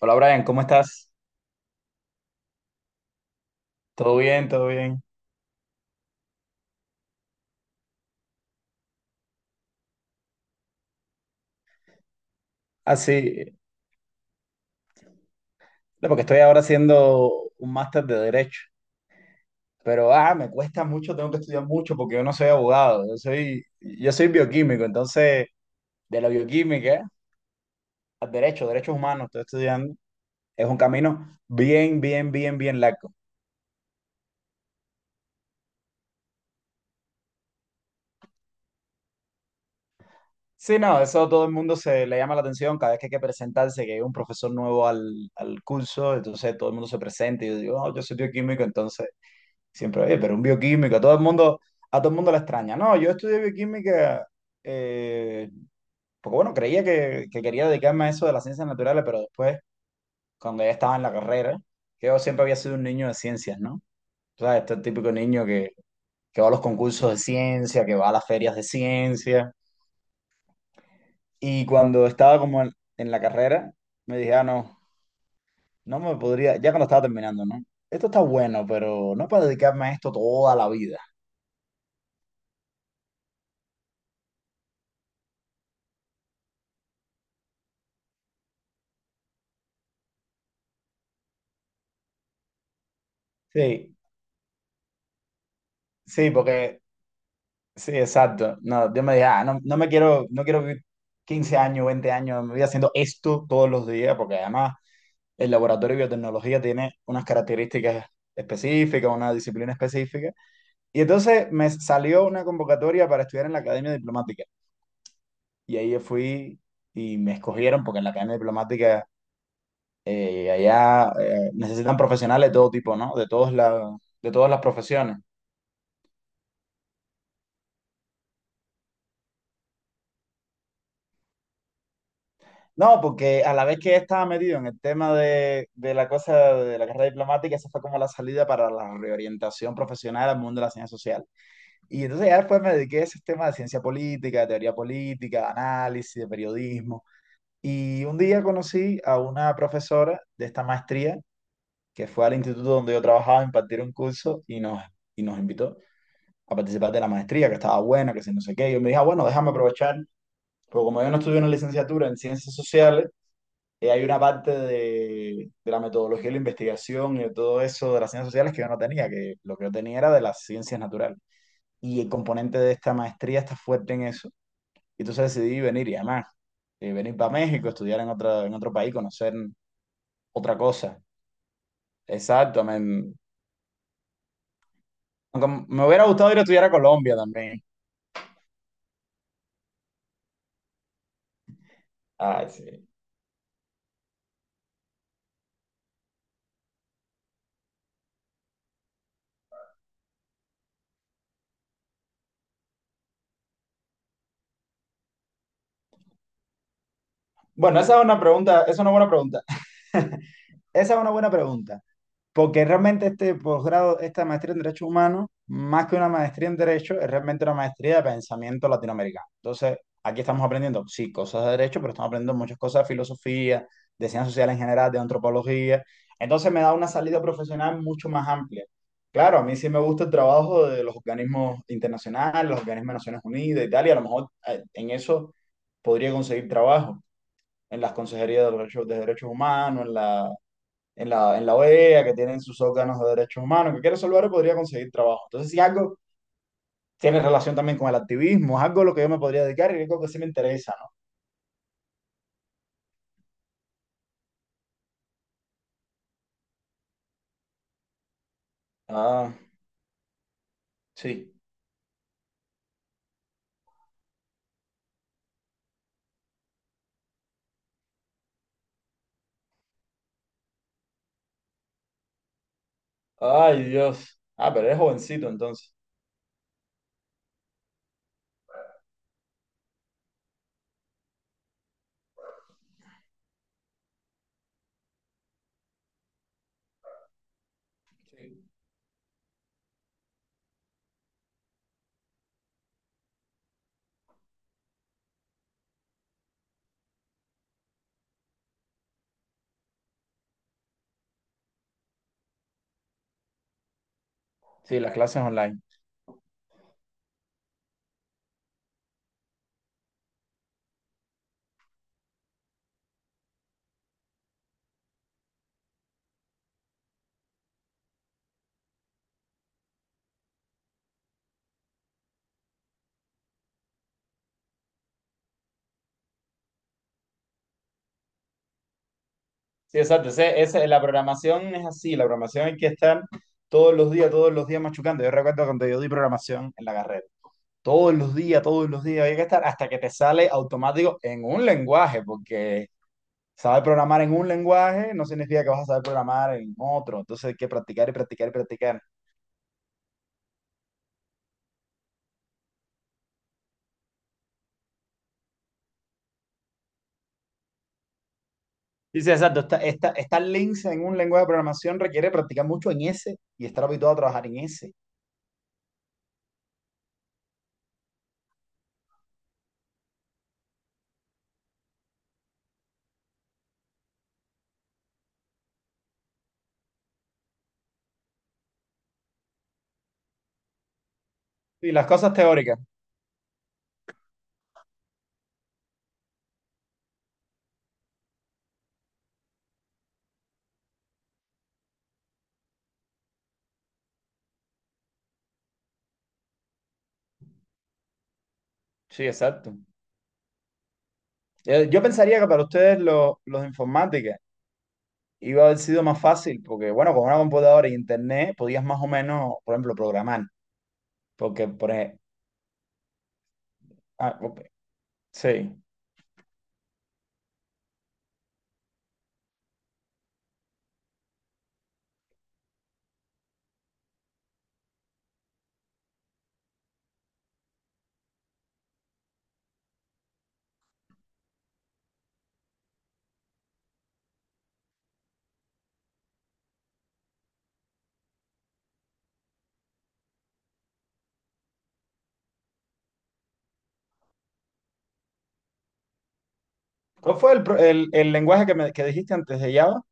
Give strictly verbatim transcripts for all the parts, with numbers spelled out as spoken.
Hola Brian, ¿cómo estás? Todo bien, todo bien. Ah, sí, no, porque estoy ahora haciendo un máster de Derecho, pero ah, me cuesta mucho, tengo que estudiar mucho porque yo no soy abogado, yo soy, yo soy bioquímico, entonces de la bioquímica al derecho, derechos humanos, estoy estudiando, es un camino bien, bien, bien, bien largo. Sí, no, eso a todo el mundo se le llama la atención cada vez que hay que presentarse, que hay un profesor nuevo al, al curso, entonces todo el mundo se presenta y yo digo, "Oh, yo soy bioquímico, entonces... Siempre, oye, pero un bioquímico a todo el mundo, a todo el mundo la extraña. No, yo estudié bioquímica, eh, porque bueno, creía que, que quería dedicarme a eso de las ciencias naturales, pero después, cuando ya estaba en la carrera, que yo siempre había sido un niño de ciencias, ¿no? O sea, este típico niño que, que va a los concursos de ciencia, que va a las ferias de ciencia. Y cuando estaba como en, en la carrera, me dije, ah, no, no me podría, ya cuando estaba terminando, ¿no? Esto está bueno, pero no para dedicarme a esto toda la vida. Sí, sí, porque sí, exacto. No, yo me dije, ah, no, no me quiero, no quiero vivir quince años, veinte años, me voy haciendo esto todos los días, porque además el laboratorio de biotecnología tiene unas características específicas, una disciplina específica. Y entonces me salió una convocatoria para estudiar en la Academia Diplomática. Y ahí yo fui y me escogieron, porque en la Academia Diplomática eh, allá eh, necesitan profesionales de todo tipo, ¿no? De todos la- de todas las profesiones. No, porque a la vez que estaba metido en el tema de, de la cosa de la carrera diplomática, esa fue como la salida para la reorientación profesional al mundo de la ciencia social. Y entonces ya después me dediqué a ese tema de ciencia política, de teoría política, de análisis, de periodismo. Y un día conocí a una profesora de esta maestría que fue al instituto donde yo trabajaba a impartir un curso y nos, y nos invitó a participar de la maestría, que estaba buena, que si no sé qué. Y yo me dije, "Ah, bueno, déjame aprovechar, porque como yo no estudié una licenciatura en ciencias sociales, eh, hay una parte de, de la metodología de la investigación y de todo eso de las ciencias sociales que yo no tenía, que lo que yo tenía era de las ciencias naturales. Y el componente de esta maestría está fuerte en eso. Y entonces decidí venir y además, eh, venir para México, estudiar en, otra, en otro país, conocer otra cosa. Exacto, me, aunque me hubiera gustado ir a estudiar a Colombia también. Ay, sí. Bueno, esa es una pregunta, esa es una buena pregunta. Esa es una buena pregunta. Porque realmente este posgrado, esta maestría en Derechos Humanos, más que una maestría en Derecho, es realmente una maestría de pensamiento latinoamericano. Entonces, aquí estamos aprendiendo, sí, cosas de Derecho, pero estamos aprendiendo muchas cosas de filosofía, de ciencias sociales en general, de antropología. Entonces, me da una salida profesional mucho más amplia. Claro, a mí sí me gusta el trabajo de los organismos internacionales, los organismos de Naciones Unidas y tal, y a lo mejor eh, en eso podría conseguir trabajo, en las consejerías de derechos, de derechos humanos, en la en la, en la O E A, que tienen sus órganos de derechos humanos, que quiere salvar y podría conseguir trabajo. Entonces, si algo tiene relación también con el activismo, es algo a lo que yo me podría dedicar y algo que sí me interesa, ¿no? Ah, sí. Ay, Dios. Ah, pero eres jovencito entonces. Sí, sí, las clases online. Sí, exacto. Ese- ese- la programación es así, la programación hay que estar todos los días, todos los días machucando. Yo recuerdo cuando yo di programación en la carrera. Todos los días, todos los días, hay que estar hasta que te sale automático en un lenguaje, porque saber programar en un lenguaje no significa que vas a saber programar en otro. Entonces hay que practicar y practicar y practicar. Dice, exacto, esta, esta, estar lince en un lenguaje de programación requiere practicar mucho en ese y estar habituado a trabajar en ese. Y las cosas teóricas. Sí, exacto. Eh, Yo pensaría que para ustedes los, los de informática iba a haber sido más fácil porque, bueno, con una computadora y internet podías más o menos, por ejemplo, programar. Porque, por ejemplo, sí. ¿Cuál fue el, pro- el, el lenguaje que, me, que dijiste antes de Java?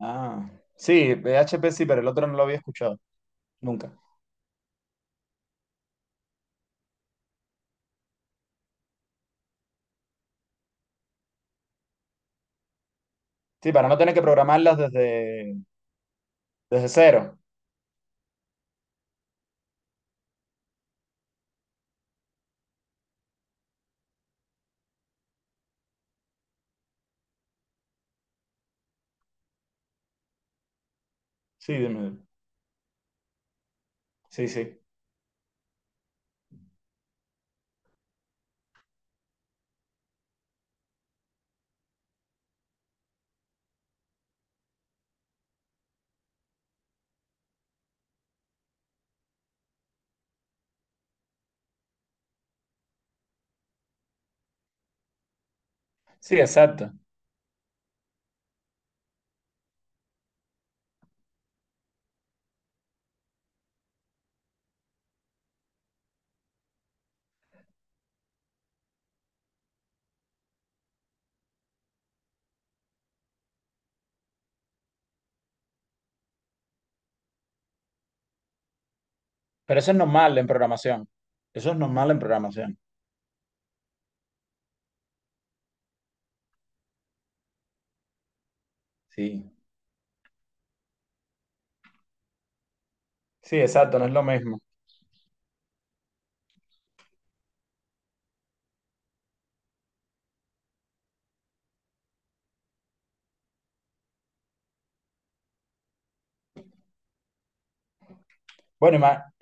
Ah, sí, P H P sí, pero el otro no lo había escuchado, nunca. Sí, para no tener que programarlas desde, desde cero. Sí, dime. Sí, sí. Sí, exacto. Pero eso es normal en programación. Eso es normal en programación. Sí. Sí, exacto, no es lo mismo. Bueno, ima-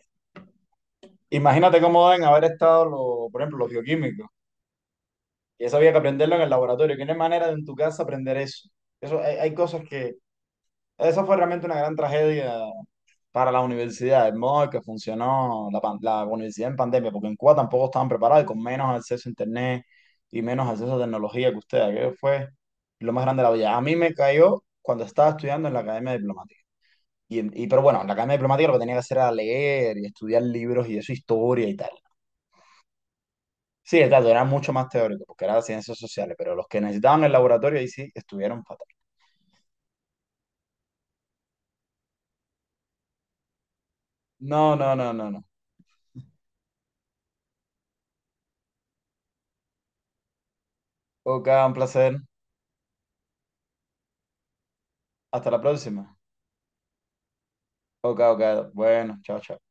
Imagínate cómo deben haber estado, los, por ejemplo, los bioquímicos. Y eso había que aprenderlo en el laboratorio. ¿Que no hay manera de en tu casa aprender eso? Eso, hay, hay cosas que... Eso fue realmente una gran tragedia para las universidades, el modo en que funcionó la, pan- la universidad en pandemia, porque en Cuba tampoco estaban preparados y con menos acceso a internet y menos acceso a tecnología que ustedes. Aquello fue lo más grande de la vida. A mí me cayó cuando estaba estudiando en la Academia Diplomática. Y, en- y pero bueno, en la Academia Diplomática lo que tenía que hacer era leer y estudiar libros y eso, historia y tal. Sí, exacto, era mucho más teórico, porque era ciencias sociales, pero los que necesitaban el laboratorio ahí sí estuvieron fatal. No, no, no, no, no. Ok, un placer. Hasta la próxima. Ok, ok. Bueno, chao, chao.